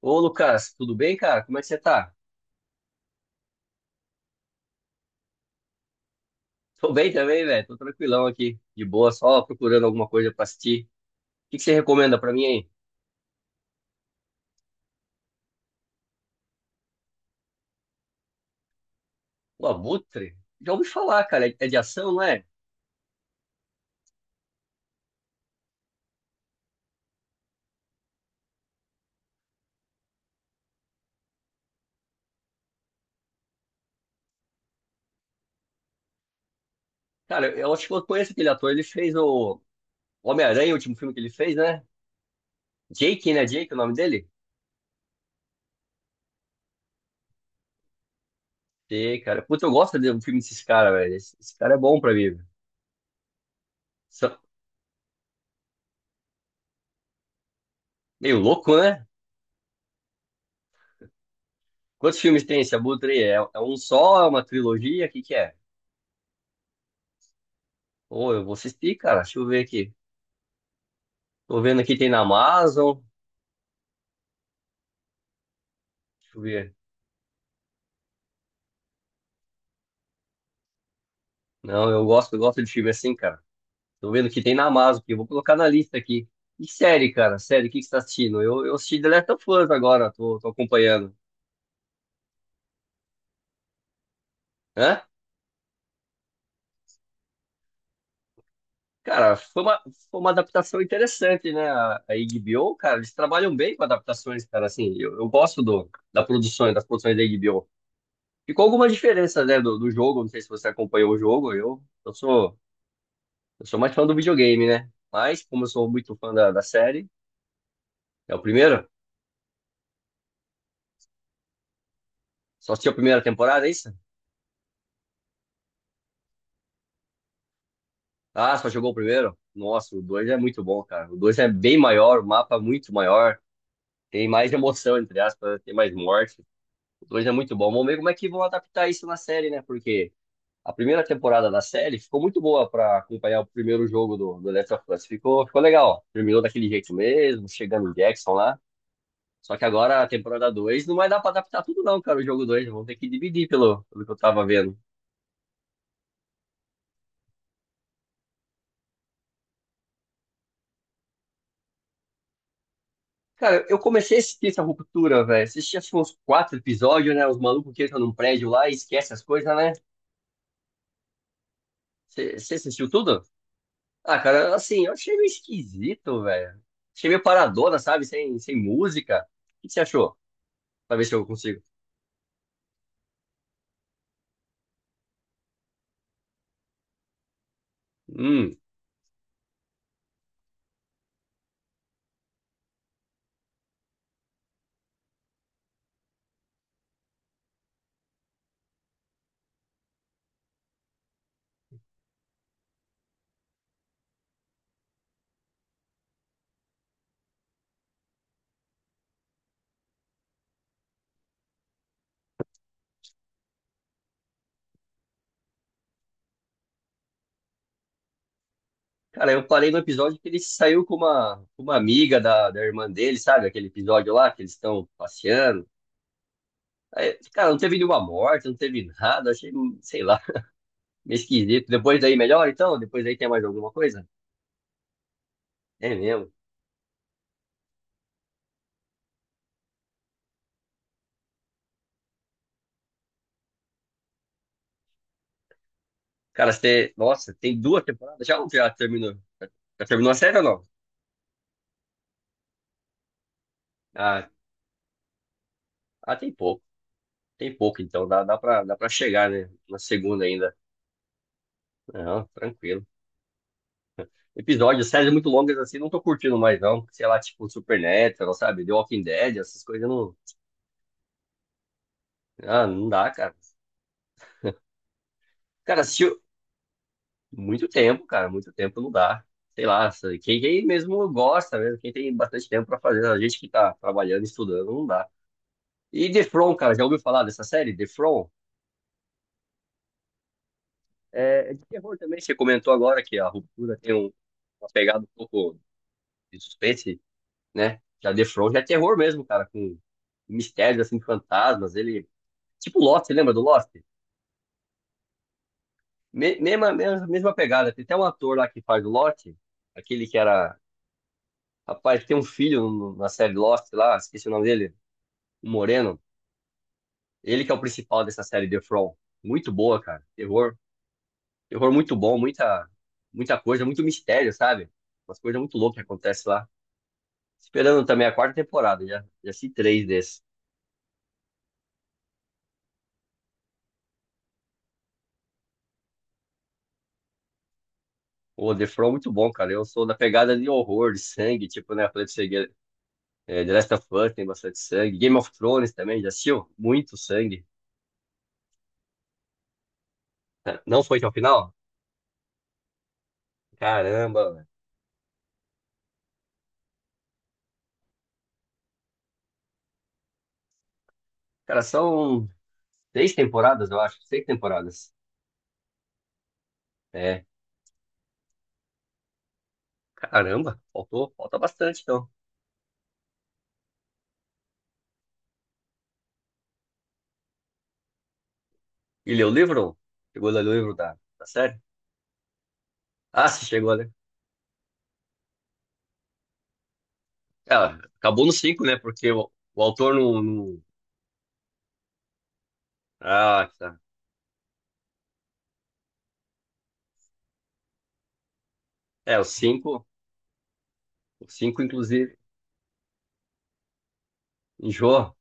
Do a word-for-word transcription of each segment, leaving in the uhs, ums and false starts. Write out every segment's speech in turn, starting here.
Ô, Lucas, tudo bem, cara? Como é que você tá? Tô bem também, velho. Tô tranquilão aqui, de boa, só procurando alguma coisa pra assistir. O que que você recomenda pra mim aí? O Abutre? Já ouvi falar, cara. É é de ação, não é? Cara, eu acho que eu conheço aquele ator. Ele fez o o Homem-Aranha, o último filme que ele fez, né? Jake, né? Jake, é o nome dele? Sei, cara. Puta, eu gosto de um filme desses caras, velho. Esse, esse cara é bom pra mim. Velho. Só- Meio louco, né? Quantos filmes tem esse Abutre aí? É, é um só? É uma trilogia? O que que é? Ô, eu vou assistir, cara. Deixa eu ver aqui. Tô vendo aqui tem na Amazon. Deixa eu ver. Não, eu gosto, eu gosto de filme assim, cara. Tô vendo que tem na Amazon, que eu vou colocar na lista aqui. E série, cara? Série, o que que você tá assistindo? Eu, eu assisti The Last of Us agora, tô, tô acompanhando. Hã? Cara, foi uma, foi uma adaptação interessante, né? A, a HBO, cara, eles trabalham bem com adaptações, cara, assim. Eu, eu gosto do, da produção, das produções da HBO. Ficou alguma diferença, né, do, do jogo? Não sei se você acompanhou o jogo. Eu, eu sou, eu sou mais fã do videogame, né? Mas, como eu sou muito fã da, da série. É o primeiro? Só assistiu a primeira temporada, é isso? Ah, só jogou o primeiro? Nossa, o dois é muito bom, cara. O dois é bem maior, o mapa é muito maior. Tem mais emoção, entre aspas, tem mais morte. O dois é muito bom. Vamos ver como é que vão adaptar isso na série, né? Porque a primeira temporada da série ficou muito boa pra acompanhar o primeiro jogo do, do Last of Us. Ficou, ficou legal. Terminou daquele jeito mesmo, chegando o Jackson lá. Só que agora a temporada dois não vai dar pra adaptar tudo, não, cara. O jogo dois vão ter que dividir pelo, pelo que eu tava vendo. Cara, eu comecei a assistir essa ruptura, velho. Assisti acho que uns quatro episódios, né? Os malucos que entram num prédio lá e esquecem as coisas, né? Você assistiu tudo? Ah, cara, assim, eu achei meio esquisito, velho. Achei meio paradona, sabe? Sem, sem música. O que você achou? Pra ver se eu consigo. Hum. Cara, eu parei no episódio que ele saiu com uma, com uma amiga da, da irmã dele, sabe? Aquele episódio lá que eles estão passeando. Aí, cara, não teve nenhuma morte, não teve nada. Achei, sei lá, meio esquisito. Depois daí melhor, então? Depois daí tem mais alguma coisa? É mesmo. Cara, você. Nossa, tem duas temporadas já ou já terminou? Já terminou a série ou não? Ah, ah, tem pouco. Tem pouco, então dá, dá pra, dá pra chegar, né? Na segunda ainda. Não, tranquilo. Episódios, séries muito longas assim, não tô curtindo mais, não. Sei lá, tipo Supernatural, sabe? The Walking Dead, essas coisas não. Ah, não dá, cara. Cara, assistiu muito tempo, cara. Muito tempo não dá. Sei lá, sabe? Quem, quem mesmo gosta, mesmo, quem tem bastante tempo pra fazer, a gente que tá trabalhando, estudando, não dá. E The From, cara, já ouviu falar dessa série? The From? É, é de terror também, você comentou agora que a ruptura tem um, uma pegada um pouco de suspense, né? Já The Flow já é terror mesmo, cara, com mistérios, assim, fantasmas, ele... Tipo Lost, você lembra do Lost? Me- mesma, mesma, mesma pegada, tem até um ator lá que faz o Lost, aquele que era... Rapaz, que tem um filho no- na série Lost lá, esqueci o nome dele, o Moreno, ele que é o principal dessa série The Flow. Muito boa, cara, terror, terror muito bom, muita, muita coisa, muito mistério, sabe? Umas coisas muito loucas que acontecem lá. Esperando também a quarta temporada, já, já assisti três desses. O The From é muito bom, cara. Eu sou da pegada de horror, de sangue, tipo, né? Falei pra você, que, é, The Last of Us tem bastante sangue. Game of Thrones também, já assistiu? Muito sangue. Não foi até o final? Caramba, velho. Cara, são seis temporadas, eu acho. Seis temporadas. É, caramba, faltou, falta bastante, então. E leu o livro? Chegou a ler o livro da, da série? Ah, se chegou, né? Ah, acabou no cinco, né? Porque o, o autor não, não- Ah, tá. É, o cinco. O cinco inclusive, enjoa.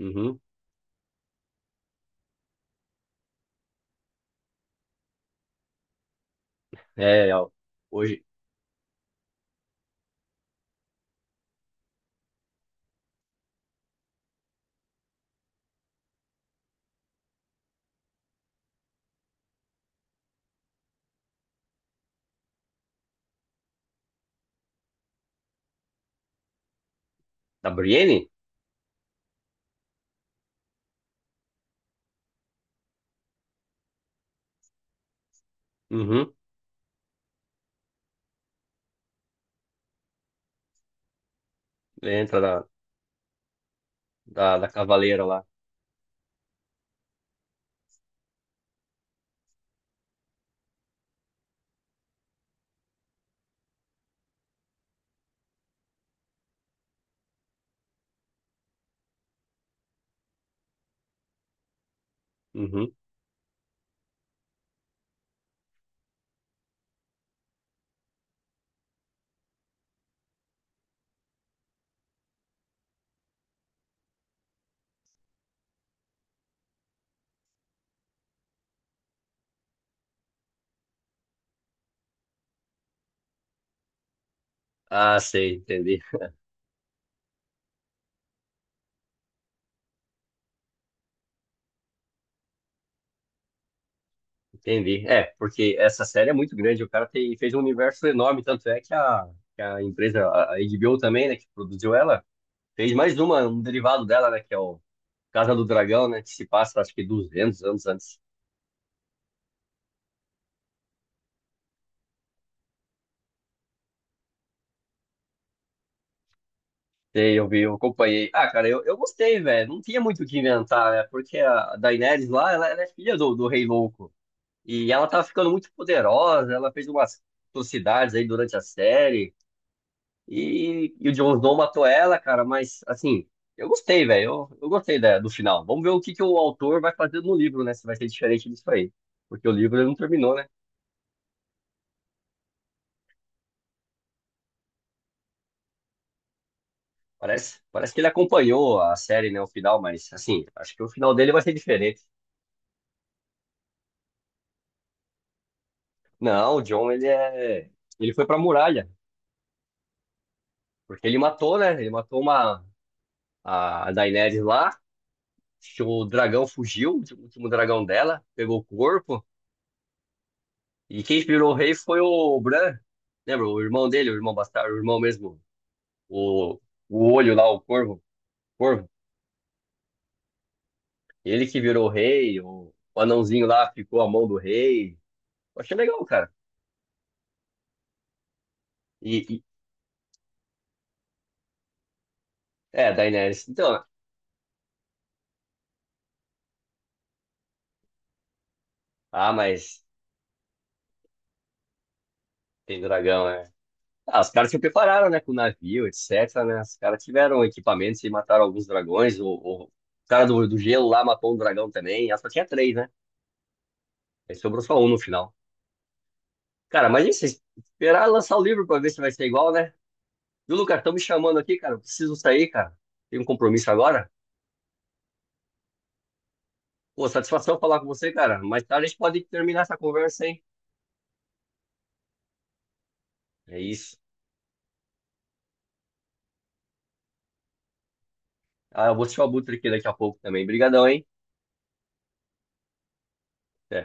Uhum. É, ó, hoje, da Brienne? Uhum. Entra da, da, da Cavaleira lá. Uhum. Ah, sei, entendi. Entendi. É, porque essa série é muito grande, o cara tem, fez um universo enorme, tanto é que a, que a empresa, a a HBO também, né, que produziu ela, fez mais uma, um derivado dela, né, que é o Casa do Dragão, né, que se passa, acho que duzentos anos antes. Sei, eu vi, eu acompanhei. Ah, cara, eu, eu gostei, velho. Não tinha muito o que inventar, né? Porque a Daenerys lá, ela, ela é filha do, do Rei Louco. E ela tava ficando muito poderosa, ela fez umas atrocidades aí durante a série. E, e o Jon Snow matou ela, cara, mas assim, eu gostei, velho. Eu, eu gostei da- do final. Vamos ver o que, que o autor vai fazer no livro, né? Se vai ser diferente disso aí. Porque o livro ele não terminou, né? Parece, parece que ele acompanhou a série, né? O final, mas assim, acho que o final dele vai ser diferente. Não, o John, ele é. Ele foi pra muralha. Porque ele matou, né? Ele matou uma. A Daenerys lá. O dragão fugiu, o último dragão dela. Pegou o corpo. E quem inspirou o rei foi o Bran. Lembra? O irmão dele, o irmão bastardo, o irmão mesmo. O, o olho lá, o corvo. Corvo. Ele que virou o rei. O, o anãozinho lá ficou a mão do rei. Eu achei legal, cara. E, e- é, Daenerys. Então, ah, mas tem dragão, né? Ah, os caras se prepararam, né, com navio, etc, né? Os caras tiveram equipamentos e mataram alguns dragões. O, o cara do, do gelo lá matou um dragão também. Ela só tinha três, né? Aí sobrou só um no final. Cara, mas isso, esperar lançar o livro pra ver se vai ser igual, né? Viu, Lucas? Estão me chamando aqui, cara. Eu preciso sair, cara. Tem um compromisso agora. Pô, satisfação falar com você, cara. Mais tarde a gente pode terminar essa conversa, hein? É isso. Ah, eu vou assistir o Abutre aqui daqui a pouco também. Obrigadão, hein? Até.